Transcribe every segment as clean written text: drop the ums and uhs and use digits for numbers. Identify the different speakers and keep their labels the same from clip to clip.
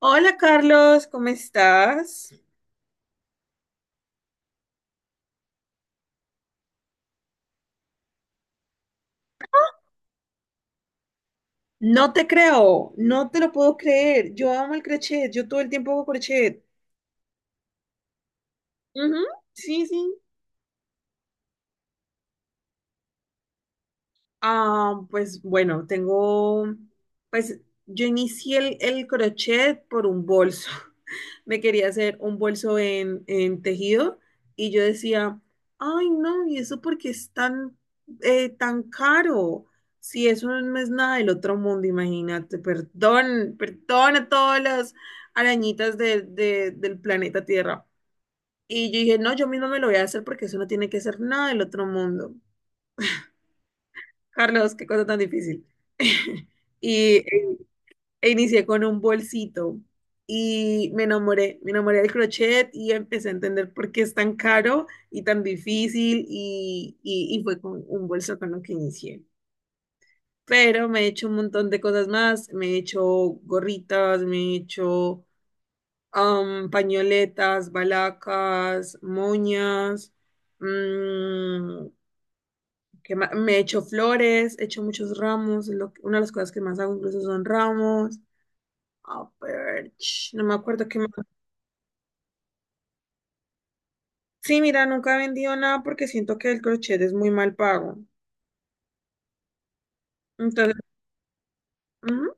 Speaker 1: Hola Carlos, ¿cómo estás? No te creo, no te lo puedo creer. Yo amo el crochet, yo todo el tiempo hago crochet. Ujú. Sí, sí. Ah, pues bueno, tengo, pues yo inicié el crochet por un bolso. Me quería hacer un bolso en tejido y yo decía, ay no, ¿y eso porque es tan, tan caro? Si eso no es nada del otro mundo, imagínate, perdón, perdón a todas las arañitas del planeta Tierra. Y yo dije, no, yo misma me lo voy a hacer porque eso no tiene que ser nada del otro mundo. Carlos, qué cosa tan difícil. Y e inicié con un bolsito y me enamoré del crochet y empecé a entender por qué es tan caro y tan difícil y fue con un bolso con lo que inicié. Pero me he hecho un montón de cosas más, me he hecho gorritas, me he hecho pañoletas, balacas, moñas. mm, que me echo flores, echo muchos ramos, una de las cosas que más hago incluso son ramos. Ah, pero, no me acuerdo qué más. Sí, mira, nunca he vendido nada porque siento que el crochet es muy mal pago. Entonces, ujú,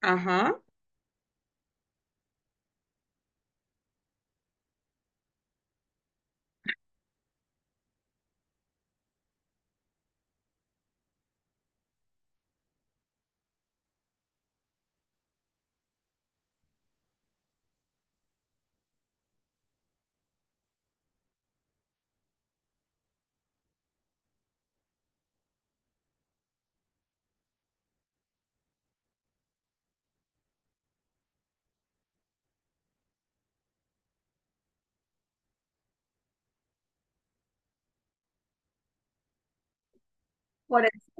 Speaker 1: ajá. Por eso.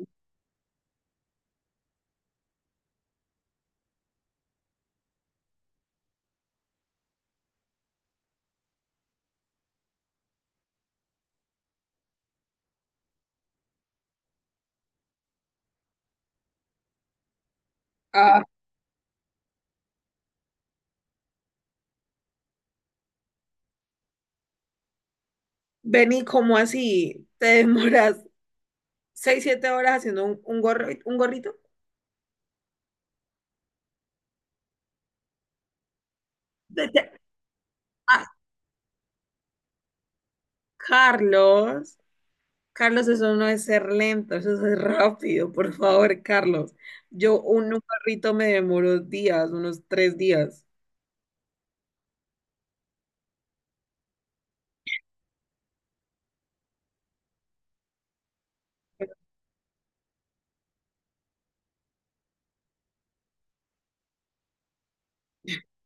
Speaker 1: Ah. Benny, ¿cómo así? ¿Te demoras seis, siete horas haciendo un gorro, un gorrito? Vete a- Carlos. Carlos, eso no es ser lento, eso es rápido, por favor, Carlos. Yo un carrito me demoro días, unos tres días.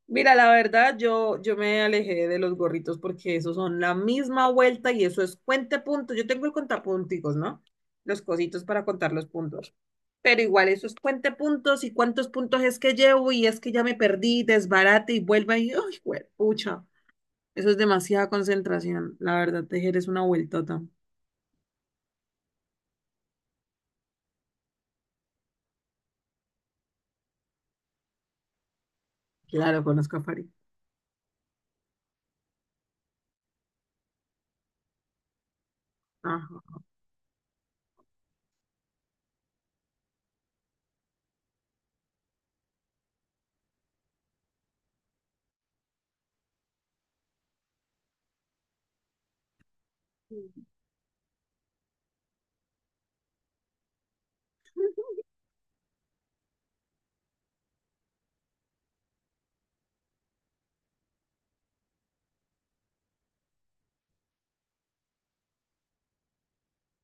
Speaker 1: Mira, la verdad, yo me alejé de los gorritos porque esos son la misma vuelta y eso es cuente puntos. Yo tengo el contapunticos, ¿no? Los cositos para contar los puntos. Pero igual, eso es cuente puntos y cuántos puntos es que llevo y es que ya me perdí, desbarate y vuelva y, ¡ay, pucha! Eso es demasiada concentración. La verdad, tejer es una vueltota. Claro, conozco a París. Ajá.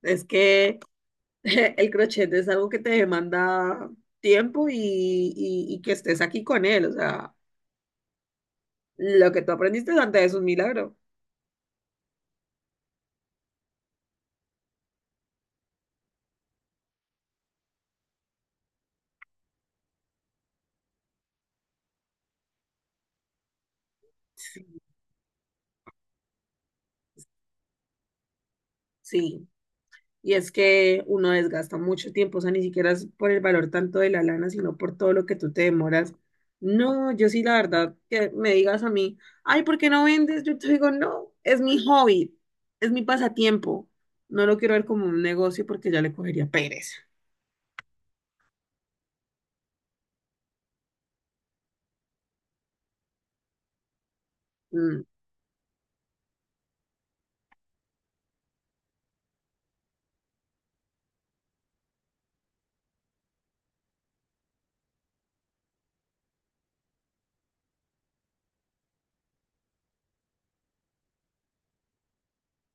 Speaker 1: Es que el crochet es algo que te demanda tiempo y que estés aquí con él. O sea, lo que tú aprendiste antes es un milagro. Sí. Sí. Y es que uno desgasta mucho tiempo, o sea, ni siquiera es por el valor tanto de la lana, sino por todo lo que tú te demoras. No, yo sí, la verdad, que me digas a mí, ay, ¿por qué no vendes? Yo te digo, no, es mi hobby, es mi pasatiempo. No lo quiero ver como un negocio porque ya le cogería pereza. Mm.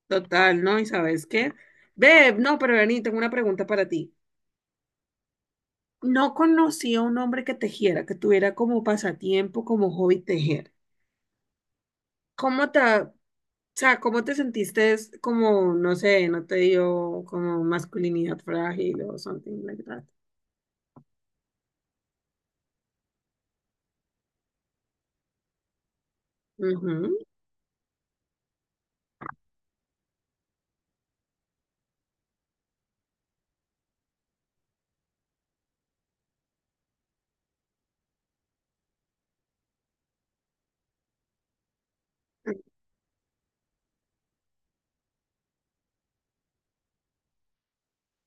Speaker 1: Total, ¿no? ¿Y sabes qué? Beb, no, pero vení, tengo una pregunta para ti. No conocía a un hombre que tejiera, que tuviera como pasatiempo, como hobby tejer. ¿Cómo te, o sea, cómo te sentiste es como, no sé, no te dio como masculinidad frágil o something like that? Ujú.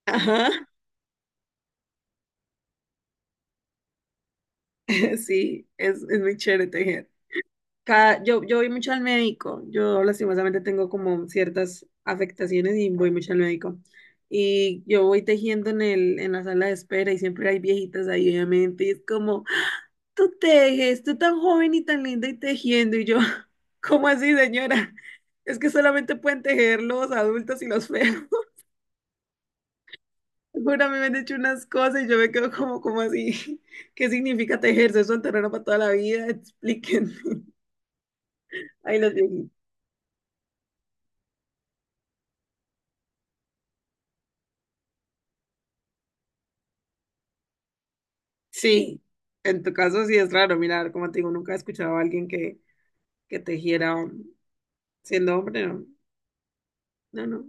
Speaker 1: Ajá. Sí, es muy chévere tejer. Cada, yo voy mucho al médico, yo lastimosamente tengo como ciertas afectaciones y voy mucho al médico. Y yo voy tejiendo en la sala de espera y siempre hay viejitas ahí, obviamente, y es como, tú tejes, tú tan joven y tan linda y tejiendo, y yo, ¿cómo así, señora? Es que solamente pueden tejer los adultos y los feos. Jura, me han hecho unas cosas y yo me quedo como, como así, ¿qué significa tejer? ¿Eso es un terreno para toda la vida? Explíquenme. Ay, los viejitos. Sí, en tu caso sí es raro, mirar, como te digo, nunca he escuchado a alguien que tejiera siendo hombre, no, no, no.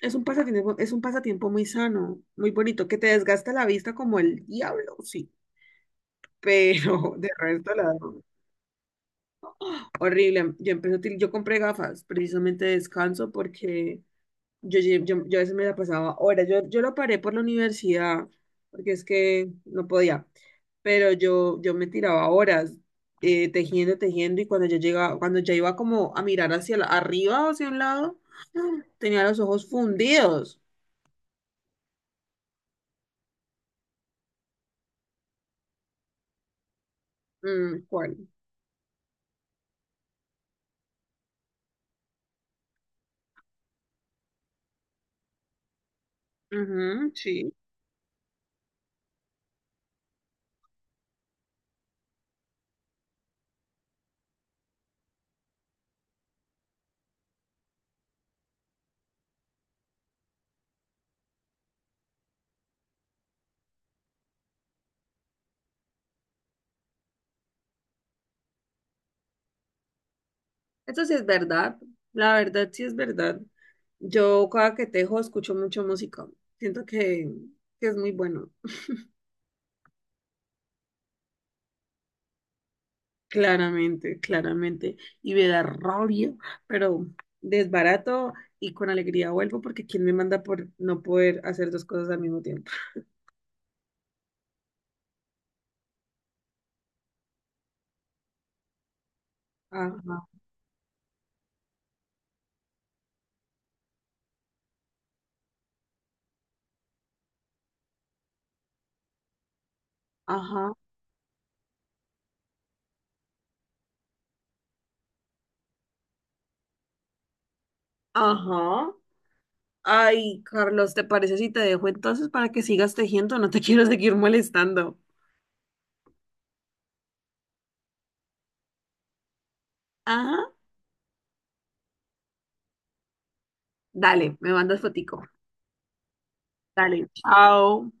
Speaker 1: Es un pasatiempo muy sano, muy bonito, que te desgasta la vista como el diablo, sí, pero de resto la horrible. Yo empecé yo compré gafas precisamente de descanso porque yo a veces me la pasaba horas. Yo lo paré por la universidad, porque es que no podía. Pero yo me tiraba horas tejiendo, tejiendo, y cuando yo llegaba, cuando ya iba como a mirar arriba o hacia un lado, tenía los ojos fundidos. Mm, ¿cuál? Ujú, sí. Eso sí es verdad. La verdad sí es verdad. Yo cada que tejo escucho mucho música. Siento que es muy bueno. Claramente, claramente. Y me da rabia, pero desbarato y con alegría vuelvo porque ¿quién me manda por no poder hacer dos cosas al mismo tiempo? Ajá, ajá, ajá. Ay, Carlos, ¿te parece si te dejo entonces para que sigas tejiendo? No te quiero seguir molestando. Ajá. Dale, me mandas fotico. Dale, chao.